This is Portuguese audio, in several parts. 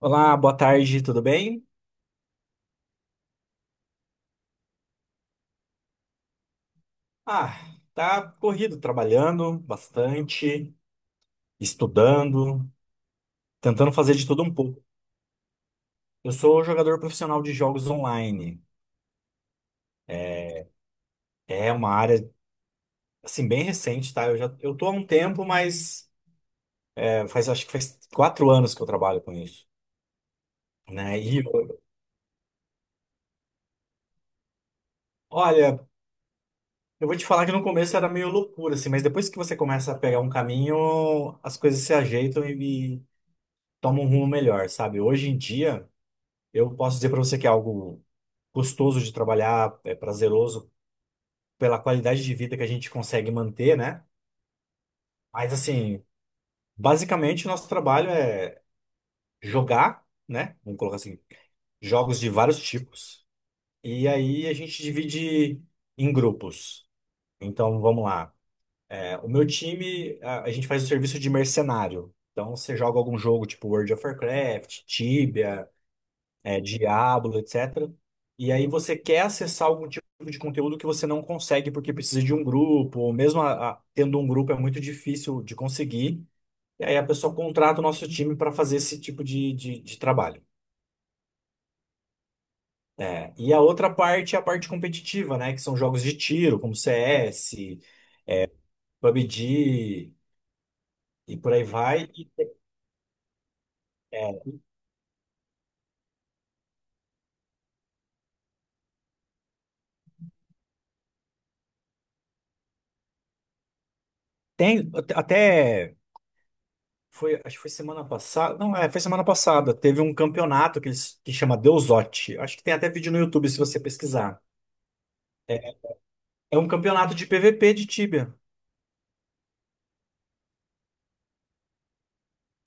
Olá, boa tarde, tudo bem? Ah, tá corrido, trabalhando bastante, estudando, tentando fazer de tudo um pouco. Eu sou jogador profissional de jogos online. É uma área, assim, bem recente, tá? Eu tô há um tempo, mas acho que faz 4 anos que eu trabalho com isso, né? E, olha, eu vou te falar que no começo era meio loucura, assim, mas depois que você começa a pegar um caminho, as coisas se ajeitam e tomam um rumo melhor, sabe? Hoje em dia, eu posso dizer pra você que é algo gostoso de trabalhar, é prazeroso pela qualidade de vida que a gente consegue manter, né? Mas assim, basicamente nosso trabalho é jogar, né? Vamos colocar assim, jogos de vários tipos. E aí a gente divide em grupos. Então vamos lá. É, o meu time, a gente faz o serviço de mercenário. Então você joga algum jogo tipo World of Warcraft, Tibia, é, Diablo, etc. E aí você quer acessar algum tipo de conteúdo que você não consegue porque precisa de um grupo, ou mesmo tendo um grupo é muito difícil de conseguir. E aí a pessoa contrata o nosso time para fazer esse tipo de trabalho. É, e a outra parte é a parte competitiva, né? Que são jogos de tiro, como CS, PUBG e por aí vai. E, é, tem até foi, acho que foi semana passada. Não, foi semana passada. Teve um campeonato que chama Deusote. Acho que tem até vídeo no YouTube se você pesquisar. É é um campeonato de PVP de Tibia.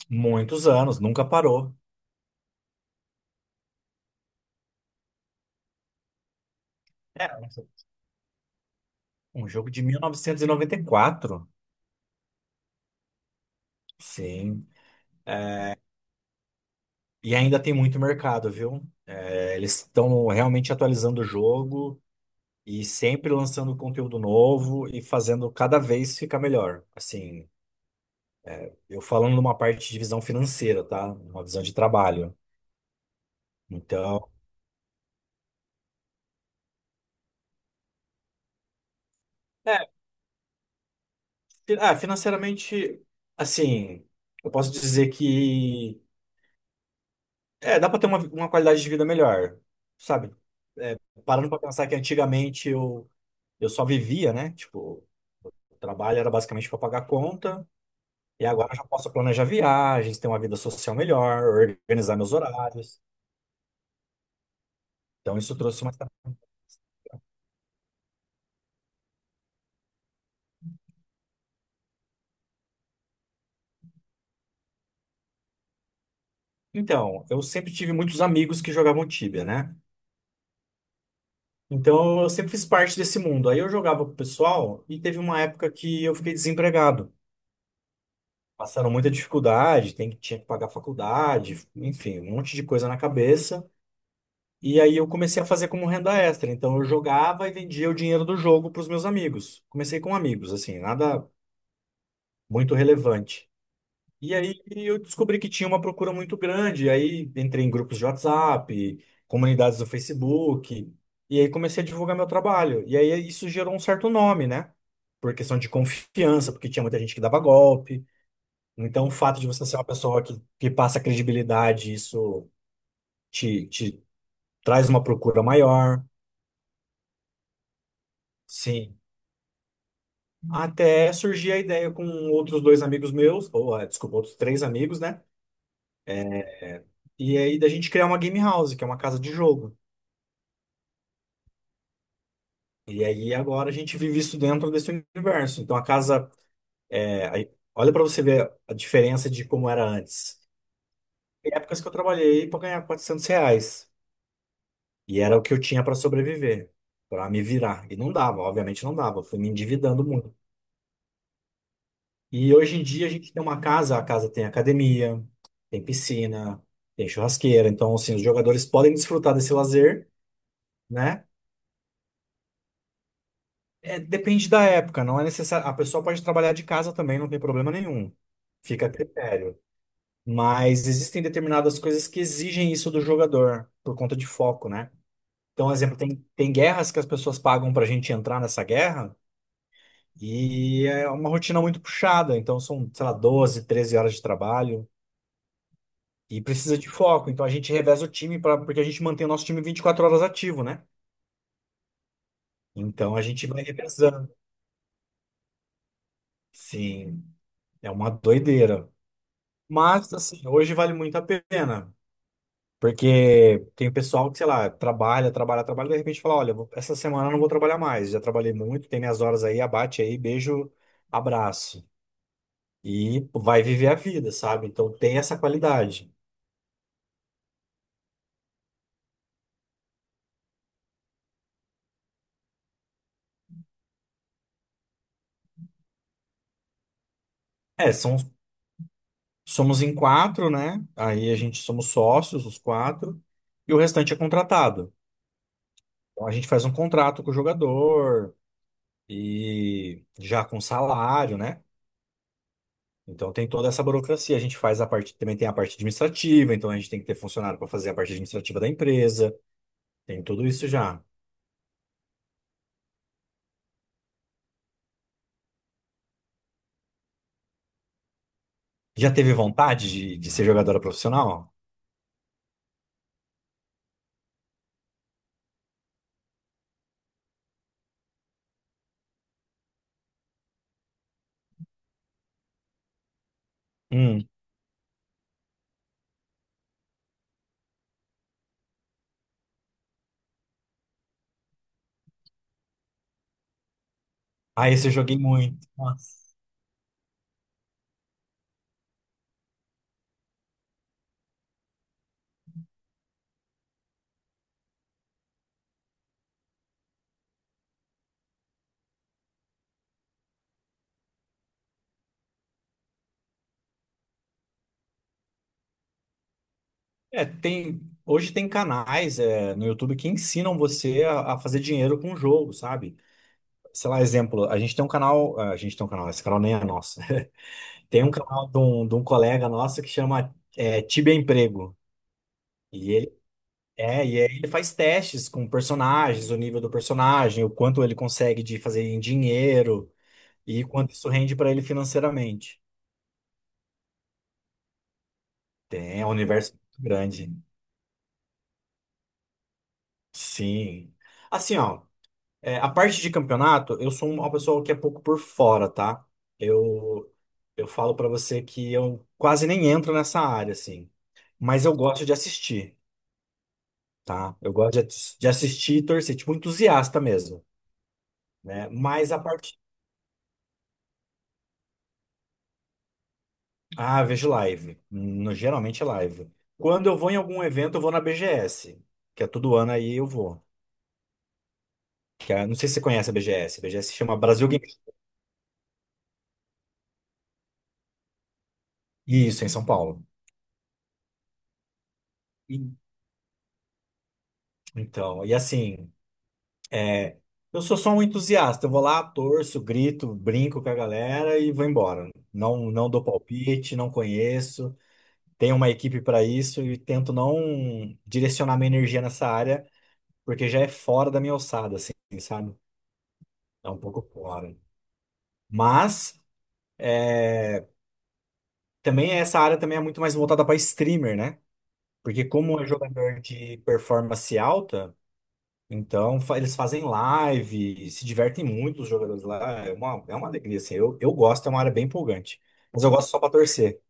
Muitos anos, nunca parou. É, um jogo de 1994. Sim. E ainda tem muito mercado, viu? É, eles estão realmente atualizando o jogo e sempre lançando conteúdo novo e fazendo cada vez ficar melhor. Assim, eu falando numa parte de visão financeira, tá? Uma visão de trabalho. Então, É, financeiramente, assim, eu posso dizer que dá para ter uma qualidade de vida melhor, sabe? É, parando para pensar que antigamente eu só vivia, né? Tipo, o trabalho era basicamente para pagar conta, e agora eu já posso planejar viagens, ter uma vida social melhor, organizar meus horários. Então, isso trouxe uma então, eu sempre tive muitos amigos que jogavam Tibia, né? Então, eu sempre fiz parte desse mundo. Aí eu jogava com o pessoal e teve uma época que eu fiquei desempregado. Passaram muita dificuldade, tinha que pagar faculdade, enfim, um monte de coisa na cabeça. E aí eu comecei a fazer como renda extra. Então eu jogava e vendia o dinheiro do jogo para os meus amigos. Comecei com amigos, assim, nada muito relevante. E aí eu descobri que tinha uma procura muito grande. E aí entrei em grupos de WhatsApp, comunidades do Facebook. E aí comecei a divulgar meu trabalho. E aí isso gerou um certo nome, né? Por questão de confiança, porque tinha muita gente que dava golpe. Então, o fato de você ser uma pessoa que passa credibilidade, isso te traz uma procura maior. Sim. Até surgir a ideia com outros dois amigos meus, ou, ah, desculpa, outros três amigos, né? É, E aí da gente criar uma game house, que é uma casa de jogo. E aí agora a gente vive isso dentro desse universo. Então a casa, é, olha para você ver a diferença de como era antes. Tem épocas que eu trabalhei para ganhar R$ 400. E era o que eu tinha para sobreviver, para me virar. E não dava, obviamente não dava. Eu fui me endividando muito. E hoje em dia a gente tem uma casa, a casa tem academia, tem piscina, tem churrasqueira. Então, assim, os jogadores podem desfrutar desse lazer, né? É, depende da época, não é necessário. A pessoa pode trabalhar de casa também, não tem problema nenhum. Fica a critério. Mas existem determinadas coisas que exigem isso do jogador, por conta de foco, né? Então, exemplo, tem guerras que as pessoas pagam para a gente entrar nessa guerra. E é uma rotina muito puxada, então são, sei lá, 12 13 horas de trabalho e precisa de foco. Então a gente reveza o time pra, porque a gente mantém o nosso time 24 horas ativo, né? Então a gente vai revezando. Sim, é uma doideira. Mas, assim, hoje vale muito a pena, porque tem pessoal que, sei lá, trabalha, trabalha, trabalha, e de repente fala: olha, essa semana eu não vou trabalhar mais, já trabalhei muito, tem minhas horas aí, abate aí, beijo, abraço. E vai viver a vida, sabe? Então tem essa qualidade. É, são Somos em quatro, né? Aí a gente somos sócios, os quatro, e o restante é contratado. Então a gente faz um contrato com o jogador e já com salário, né? Então tem toda essa burocracia. A gente faz a parte, também tem a parte administrativa, então a gente tem que ter funcionário para fazer a parte administrativa da empresa. Tem tudo isso já. Já teve vontade de ser jogadora profissional? Hum. Ah, esse eu joguei muito. Nossa. É, tem. Hoje tem canais, é, no YouTube que ensinam você a fazer dinheiro com o jogo, sabe? Sei lá, exemplo, a gente tem um canal, a gente tem um canal, esse canal nem é nosso. Tem um canal de um colega nosso que chama Tibia Emprego. E ele e aí ele faz testes com personagens, o nível do personagem, o quanto ele consegue de fazer em dinheiro e quanto isso rende para ele financeiramente. Tem, é um universo muito grande. Sim. Assim, ó, é, a parte de campeonato, eu sou uma pessoa que é pouco por fora, tá? Eu, eu falo pra você que eu quase nem entro nessa área, assim. Mas eu gosto de assistir, tá? Eu gosto de assistir e torcer, tipo entusiasta mesmo, né? Mas a parte... Ah, vejo live. Geralmente é live. Quando eu vou em algum evento, eu vou na BGS, que é todo ano aí eu vou. Não sei se você conhece a BGS. A BGS se chama Brasil Game... Isso, em São Paulo. E- Então, e assim... É, eu sou só um entusiasta. Eu vou lá, torço, grito, brinco com a galera e vou embora. Não, não dou palpite, não conheço. Tenho uma equipe para isso e tento não direcionar minha energia nessa área, porque já é fora da minha alçada, assim, sabe? É um pouco fora. Mas é, também essa área também é muito mais voltada para streamer, né? Porque como é jogador de performance alta. Então, eles fazem live, se divertem muito os jogadores lá. É uma alegria, assim. Eu gosto, é uma área bem empolgante. Mas eu gosto só pra torcer.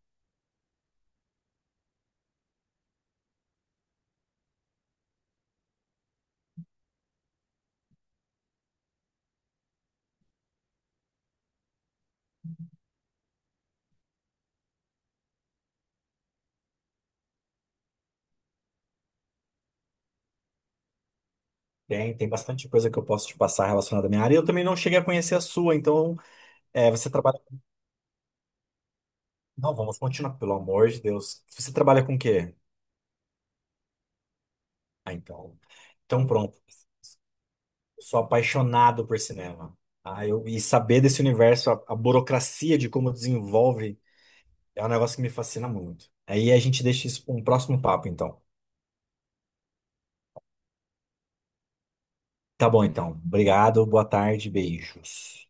Tem bastante coisa que eu posso te passar relacionada à minha área. E eu também não cheguei a conhecer a sua, então você trabalha. Não, vamos continuar, pelo amor de Deus. Você trabalha com o quê? Ah, então. Então pronto. Eu sou apaixonado por cinema. Ah, e saber desse universo, a burocracia de como desenvolve, é um negócio que me fascina muito. Aí a gente deixa isso para um próximo papo, então. Tá bom, então. Obrigado, boa tarde, beijos.